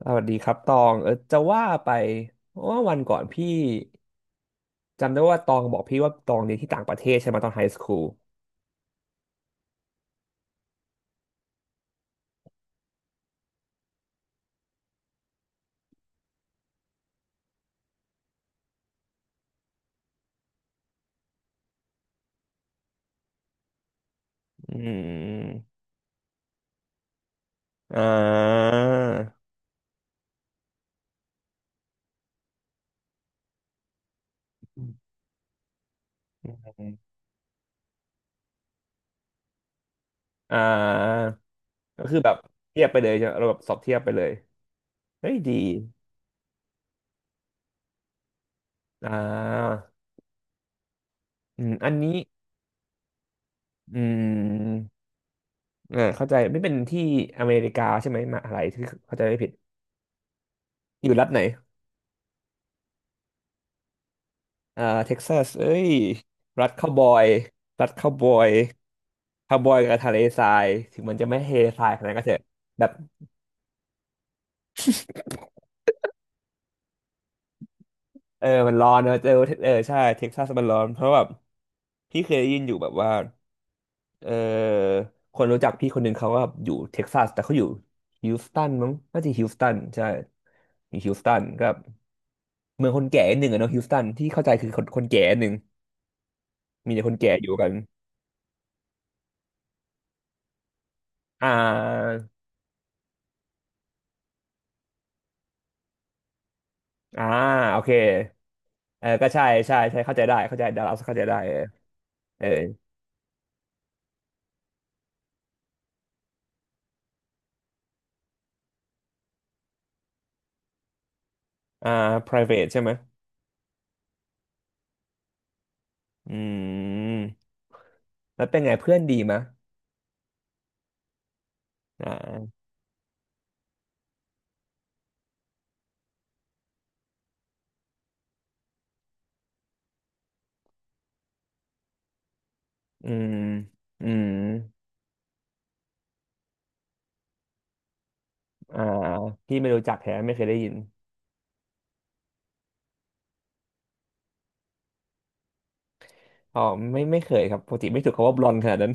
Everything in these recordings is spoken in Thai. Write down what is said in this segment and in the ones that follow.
สวัสดีครับตองจะว่าไปว่าวันก่อนพี่จำได้ว่าตองบอกพี่ว่าตองเรียนที่ต่างประเทศใช่ไหมตอนไฮสคูลอืมอ่าอืมอ่าก็คือแบบเทียบไปเลยใช่ไหมเราแบบสอบเทียบไปเลยเฮ้ยดีอ่าอืมอันนี้อืมอ่าเข้าใจไม่เป็นที่อเมริกาใช่ไหมมหาอะไรที่เข้าใจไม่ผิดอยู่รัฐไหนอ่าเท็กซัสเอ้ยรัฐคาวบอยรัฐคาวบอย คาวบอยกับทะเลทรายถึงมันจะไม่เฮทรายขนาดนั้นก็เถอะแบบเออมันร้อนเนอะเออเออใช่เท็กซัสมันร้อนเพราะแบบพี่เคยได้ยินอยู่แบบว่าเออคนรู้จักพี่คนหนึ่งเขาก็อยู่เท็กซัสแต่เขาอยู่ฮิวสตันมั้งน่าจะฮิวสตันใช่อยู่ฮิวสตันก็เมืองคนแก่นิดหนึ่งอะเนาะฮิวสตันที่เข้าใจคือคนคนแก่นิดหนึ่งมีแต่คนแก่อยู่กันอ่าอ่าโอเคเออก็ใช่ใช่ใช่เข้าใจได้เข้าใจได้เราเข้าใจได้เออเอออ่า private ใช่ไหม อืมแล้วเป็นไงเพื่อนดีมะอ่าอืมอืมอ่าพี่ไม่รู้จักแท้ไม่เคยได้ยินอ๋อไม่ไม่เคยครับปกติไม่ถูกคำว่าบลอนขนาดนั้น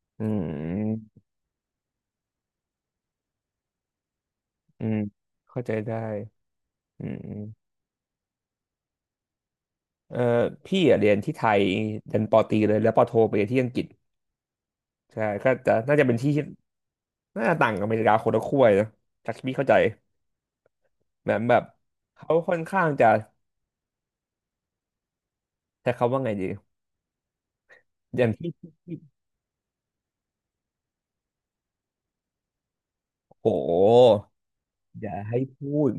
อืมอืมเข้าใจได้อืมเออพี่อะเรียนที่ไทยเรียนปอตรีเลยแล้วปอโทไปเรียนที่อังกฤษใช่ก็จะน่าจะเป็นที่น่าจะต่างกับอเมริกาคนละขั้วเลยนะจากที่พี่เข้าใจเหมือนแบบเขาค่อนข้างจะใช้คำว่าไงดีอย่างที่ ที่โห อย่าให้พูด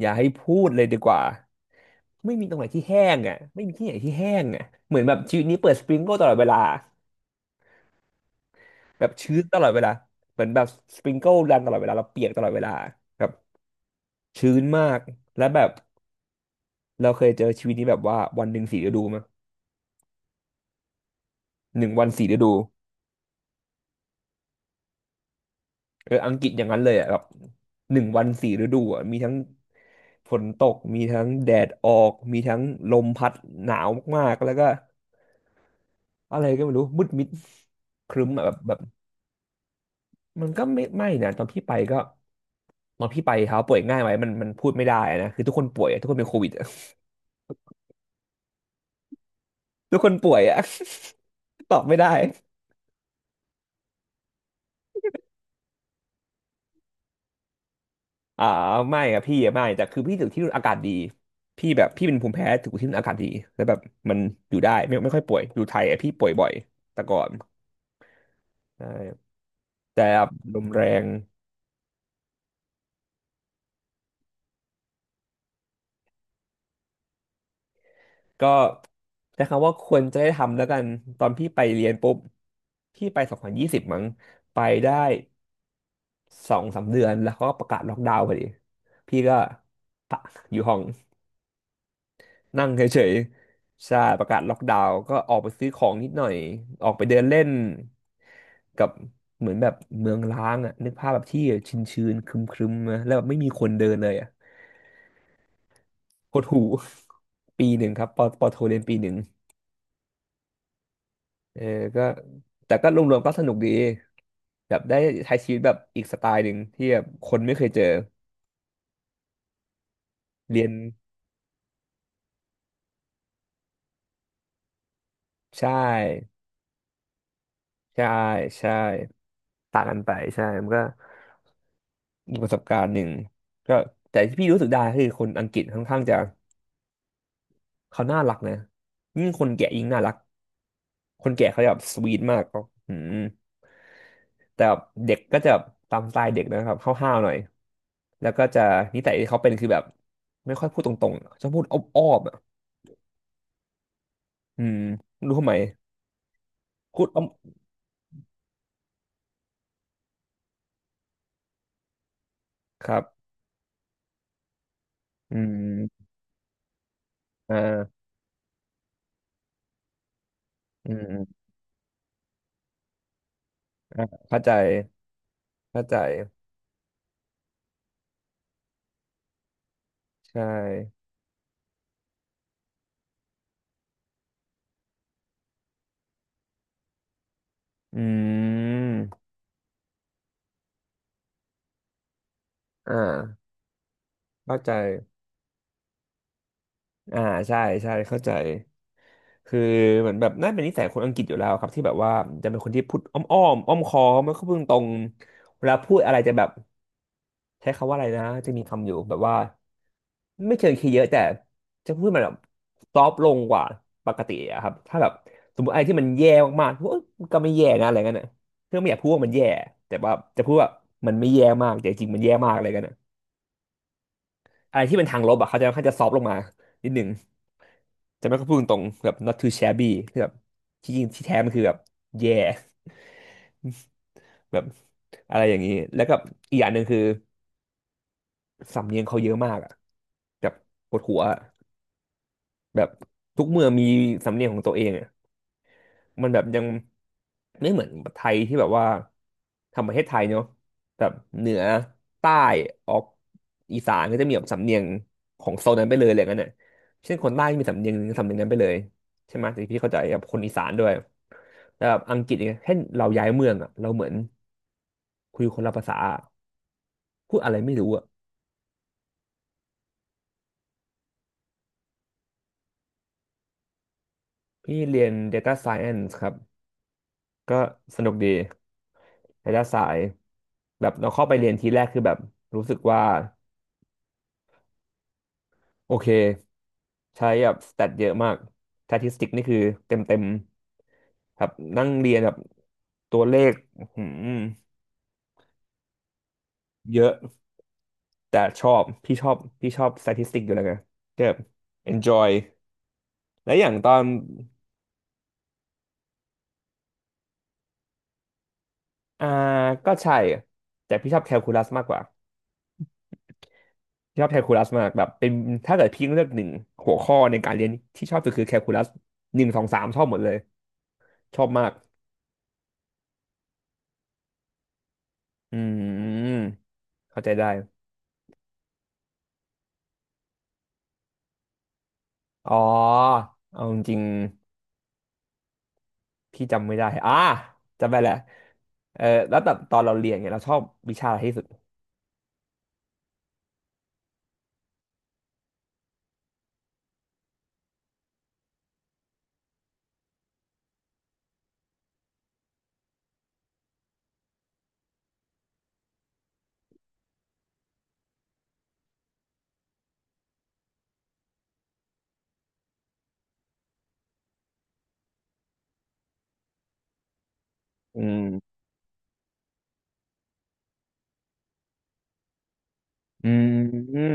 อย่าให้พูดเลยดีกว่าไม่มีตรงไหนที่แห้งอ่ะไม่มีที่ไหนที่แห้งอ่ะเหมือนแบบชีวิตนี้เปิดสปริงเกิลตลอดเวลาแบบชื้นตลอดเวลาเหมือนแบบสปริงเกิลรันตลอดเวลาเราเปียกตลอดเวลาแบบชื้นมากและแบบเราเคยเจอชีวิตนี้แบบว่าวันหนึ่งสี่ฤดูมั้ยหนึ่งวันสี่ฤดูเอออังกฤษอย่างนั้นเลยอ่ะแบบหนึ่งวันสี่ฤดูอ่ะมีทั้งฝนตกมีทั้งแดดออกมีทั้งลมพัดหนาวมากๆแล้วก็ อะไรก็ไม่รู้มืดมิดครึ้มอะแบบมันก็ไม่นะตอนพี่ไปก็ตอนพี่ไปเขาป่วยง่ายไหมมันพูดไม่ได้นะคือทุกคนป่วยอะทุกคนเป็นโควิดอะ ทุกคนป่วยอะ ตอบไม่ได้อ่าไม่อะพี่อะไม่แต่คือพี่ถึงที่นู่นอากาศดีพี่แบบพี่เป็นภูมิแพ้ถึงที่นู่นอากาศดีแล้วแบบมันอยู่ได้ไม่ค่อยป่วยอยู่ไทยอะพี่ป่วยบ่อยแต่ก่อนใช่แต่ลมแรงก็ใช้คำว่าควรจะได้ทำแล้วกันตอนพี่ไปเรียนปุ๊บพี่ไป2020มั้งไปได้ สองสามเดือนแล้วเขาก็ประกาศล็อกดาวน์พอดีพี่ก็ปะอยู่ห้องนั่งเฉยๆใช่ประกาศล็อกดาวน์ก็ออกไปซื้อของนิดหน่อย ออกไปเดินเล่นกับเหมือนแบบเมืองร้างอ่ะนึกภาพแบบที่ชื้นๆครึมๆนะแล้วแบบไม่มีคนเดินเลยอ่ะโคตรหู ปีหนึ่งครับปอโทเรียนปีหนึ่งเออก็แต่ก็รวมๆก็สนุกดีแบบได้ใช้ชีวิตแบบอีกสไตล์หนึ่งที่แบบคนไม่เคยเจอเรียนใช่ ใช่ใช่ต่างกันไปใช่ มันก็มีกประสบการณ์หนึ่งก็แต่ที่พี่รู้สึกได้คือคนอังกฤษค่อนข้างจะเขาน่ารักนะยิ่งคนแก่ยิ่งน่ารักคนแก่เขาจะแบบสวีทมากก็อืมแต่แบบเด็กก็จะแบบตามสไตล์เด็กนะครับห้าวๆหน่อยแล้วก็จะนิสัยที่เขาเป็นคือแบบไม่ค่อยพูดตรงๆอะชอบพูดอ้อมๆอ่ะอืมไรู้ทำไมพูดอ้อมครับอืมอ่าอืมอ่าเข้าใจเข้าใจ ใช่อืมอ่าเข้าใจอ่าใช่ใช่เข้าใจคือเหมือนแบบน่าเป็นนิสัยคนอังกฤษอยู่แล้วครับที่แบบว่าจะเป็นคนที่พูดอ้อมค้อมไม่ค่อยพูดตรงเวลาพูดอะไรจะแบบใช้คำว่าอะไรนะจะมีคำอยู่แบบว่าไม่เชิงคีย์เยอะแต่จะพูดมันแบบซอฟลงกว่าปกติอะครับถ้าแบบสมมติอะไรที่มันแย่มากๆพูดเอ้ยมันก็ไม่แย่นะอะไรเงี้ยน่ะเพื่อไม่อยากพูดว่ามันแย่แต่ว่าจะพูดว่ามันไม่แย่มากแต่จริงๆมันแย่มากอะไรเงี้ย อะไรที่เป็นทางลบอ่ะเขาจะค่อนข้างจะซอฟต์ลงมานิดหนึ่งจะไม่ค่อยพูดตรงๆแบบ not too shabby คือแบบที่จริงที่แท้มันคือแบบ yeah แบบอะไรอย่างนี้แล้วก็อีกอย่างหนึ่งคือสำเนียงเขาเยอะมากอ่ะแบบปวดหัวอะแบบทุกเมืองมีสำเนียงของตัวเอง มันแบบยังไม่เหมือนไทยที่แบบว่าทำประเทศไทยเนาะแบบเหนือใต้ออกอีสานก็จะมีแบบสำเนียงของโซนนั้นไปเลยอะไรอย่างนั้นน่ะเช่นคนใต้มีสำเนียงนั้นไปเลยใช่ไหมแต่พี่เข้าใจกับคนอีสานด้วยแต่แบบอังกฤษเนี่ยแค่เราย้ายเมืองอ่ะเราเหมือนคุยคนละภาษาอะพูดอะไรไม่รู้อ่ะพี่เรียน Data Science ครับก็สนุกดี Data Science แบบเราเข้าไปเรียนทีแรกคือแบบรู้สึกว่าโอเค ใช้แบบสแตทเยอะมากสถิติกนี่คือเต็มเต็มครับนั่งเรียนแบบตัวเลขอื้อหือเยอะแต่ชอบพี่ชอบพี่ชอบสถิติอยู่แล้วไงก็แบบ enjoy และอย่างตอนอ่าก็ใช่แต่พี่ชอบแคลคูลัสมากกว่าพี่ชอบแคลคูลัสมากแบบเป็นถ้าเกิดพี่เลือกหนึ่งหัวข้อในการเรียนที่ชอบสุดคือแคลคูลัสหนึ่งสองสามชอบหมดเลยชอบมากอืมเข้าใจได้อ๋อเอาจริง พี่จำไม่ได้ จำไปแหละเออแล้วแต่ตอนเราเรียนเนี่ยเราชอบวิชาอะไรที่สุดอืมอืมอืม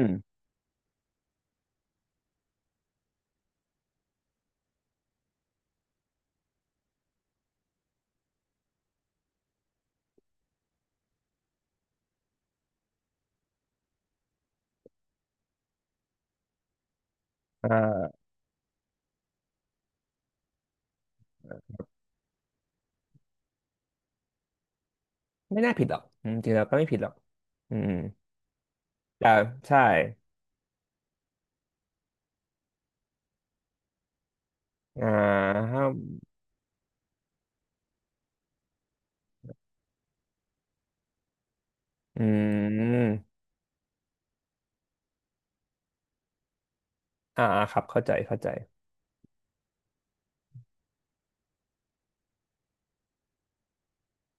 อ่าไม่น่าผิดหรอกอืมจริงๆแล้วก็ไม่ผิดหรอกอืมแต่ใช่อ่าอืมอ่า ครับเข้าใจ เข้าใจ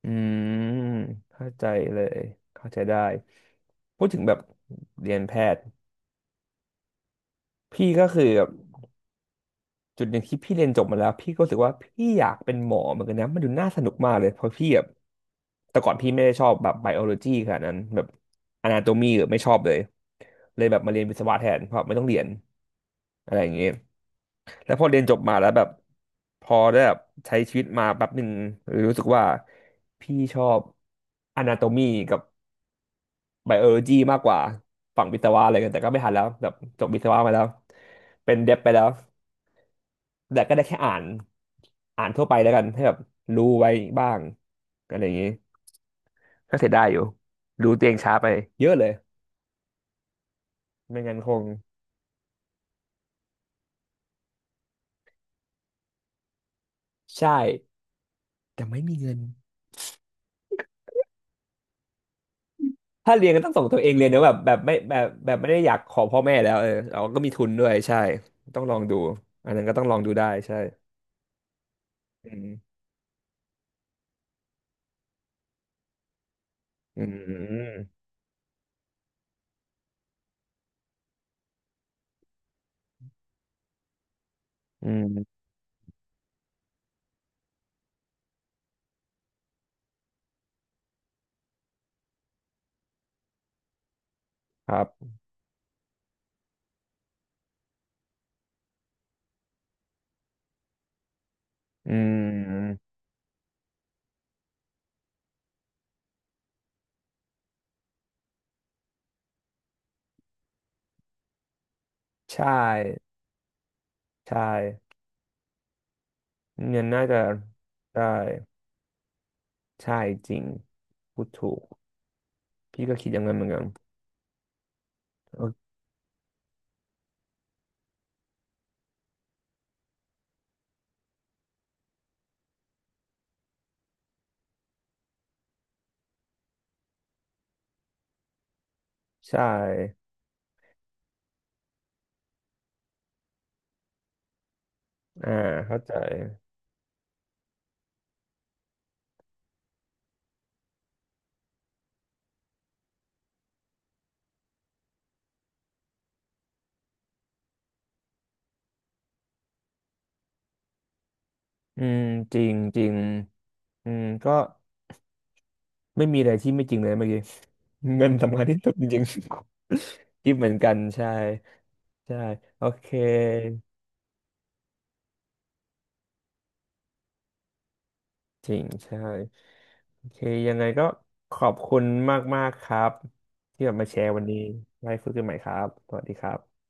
อืมเข้าใจเลย เข้าใจได้ พูดถึงแบบเรียนแพทย์ พี่ก็คือแบบ จุดหนึ่งที่พี่เรียนจบมาแล้วพี่ก็รู้สึกว่าพี่อยากเป็นหมอเหมือนกันนะมันดูน่าสนุกมากเลยเพราะพี่แบบแต่ก่อนพี่ไม่ได้ชอบแบบไบโอโลจีขนาดนั้นแบบอนาโตมีไม่ชอบเลยเลยแบบมาเรียนวิศวะแทนเพราะไม่ต้องเรียนอะไรอย่างเงี้ยแล้วพอเรียนจบมาแล้วแบบพอได้แบบใช้ชีวิตมาแป๊บหนึ่งรู้สึกว่าพี่ชอบอนาโตมีกับไบโอโลจีมากกว่าฝั่งวิศวะอะไรกันแต่ก็ไม่ทันแล้วแบบจบวิศวะมาแล้วเป็นเด็บไปแล้ว แต่ก็ได้แค่อ่านอ่านทั่วไปแล้วกันให้แบบรู้ไว้บ้างอะไรอย่างนี้ก็เสียดายอยู่รู้ตัวเองช้าไปเยอะเลยไม่งั้นคงใช่แต่ไม่มีเงินถ้าเรียนก็ต้องส่งตัวเองเรียนเนอะแบบแบบไม่ได้อยากขอพ่อแม่แล้วเออเราก็มีทุนด้วยใช่ต้องลองดูอันนั้นก็ต้องลองดูได้ใช่อืมอืมอืมครับอืมใช่ใช่เงินน่าจะใช่ใช่จริงพูดถูก พี่ก็คิดอย่างนั้นเหมือนกันโอเคใช่อ่าเข้าใจอืมจริงจริงอืมก็ไม่มีอะไรที่ไม่จริงเลยเมื่อกี้เงินสำคัญที่สุดจริงๆคิดเหมือนกันใช่ใช่โอเคจริงใช่โอเคยังไงก็ขอบคุณมากๆครับที่แบบมาแชร์วันนี้ไว้คุยกันใหม่ครับสวัสดีครับ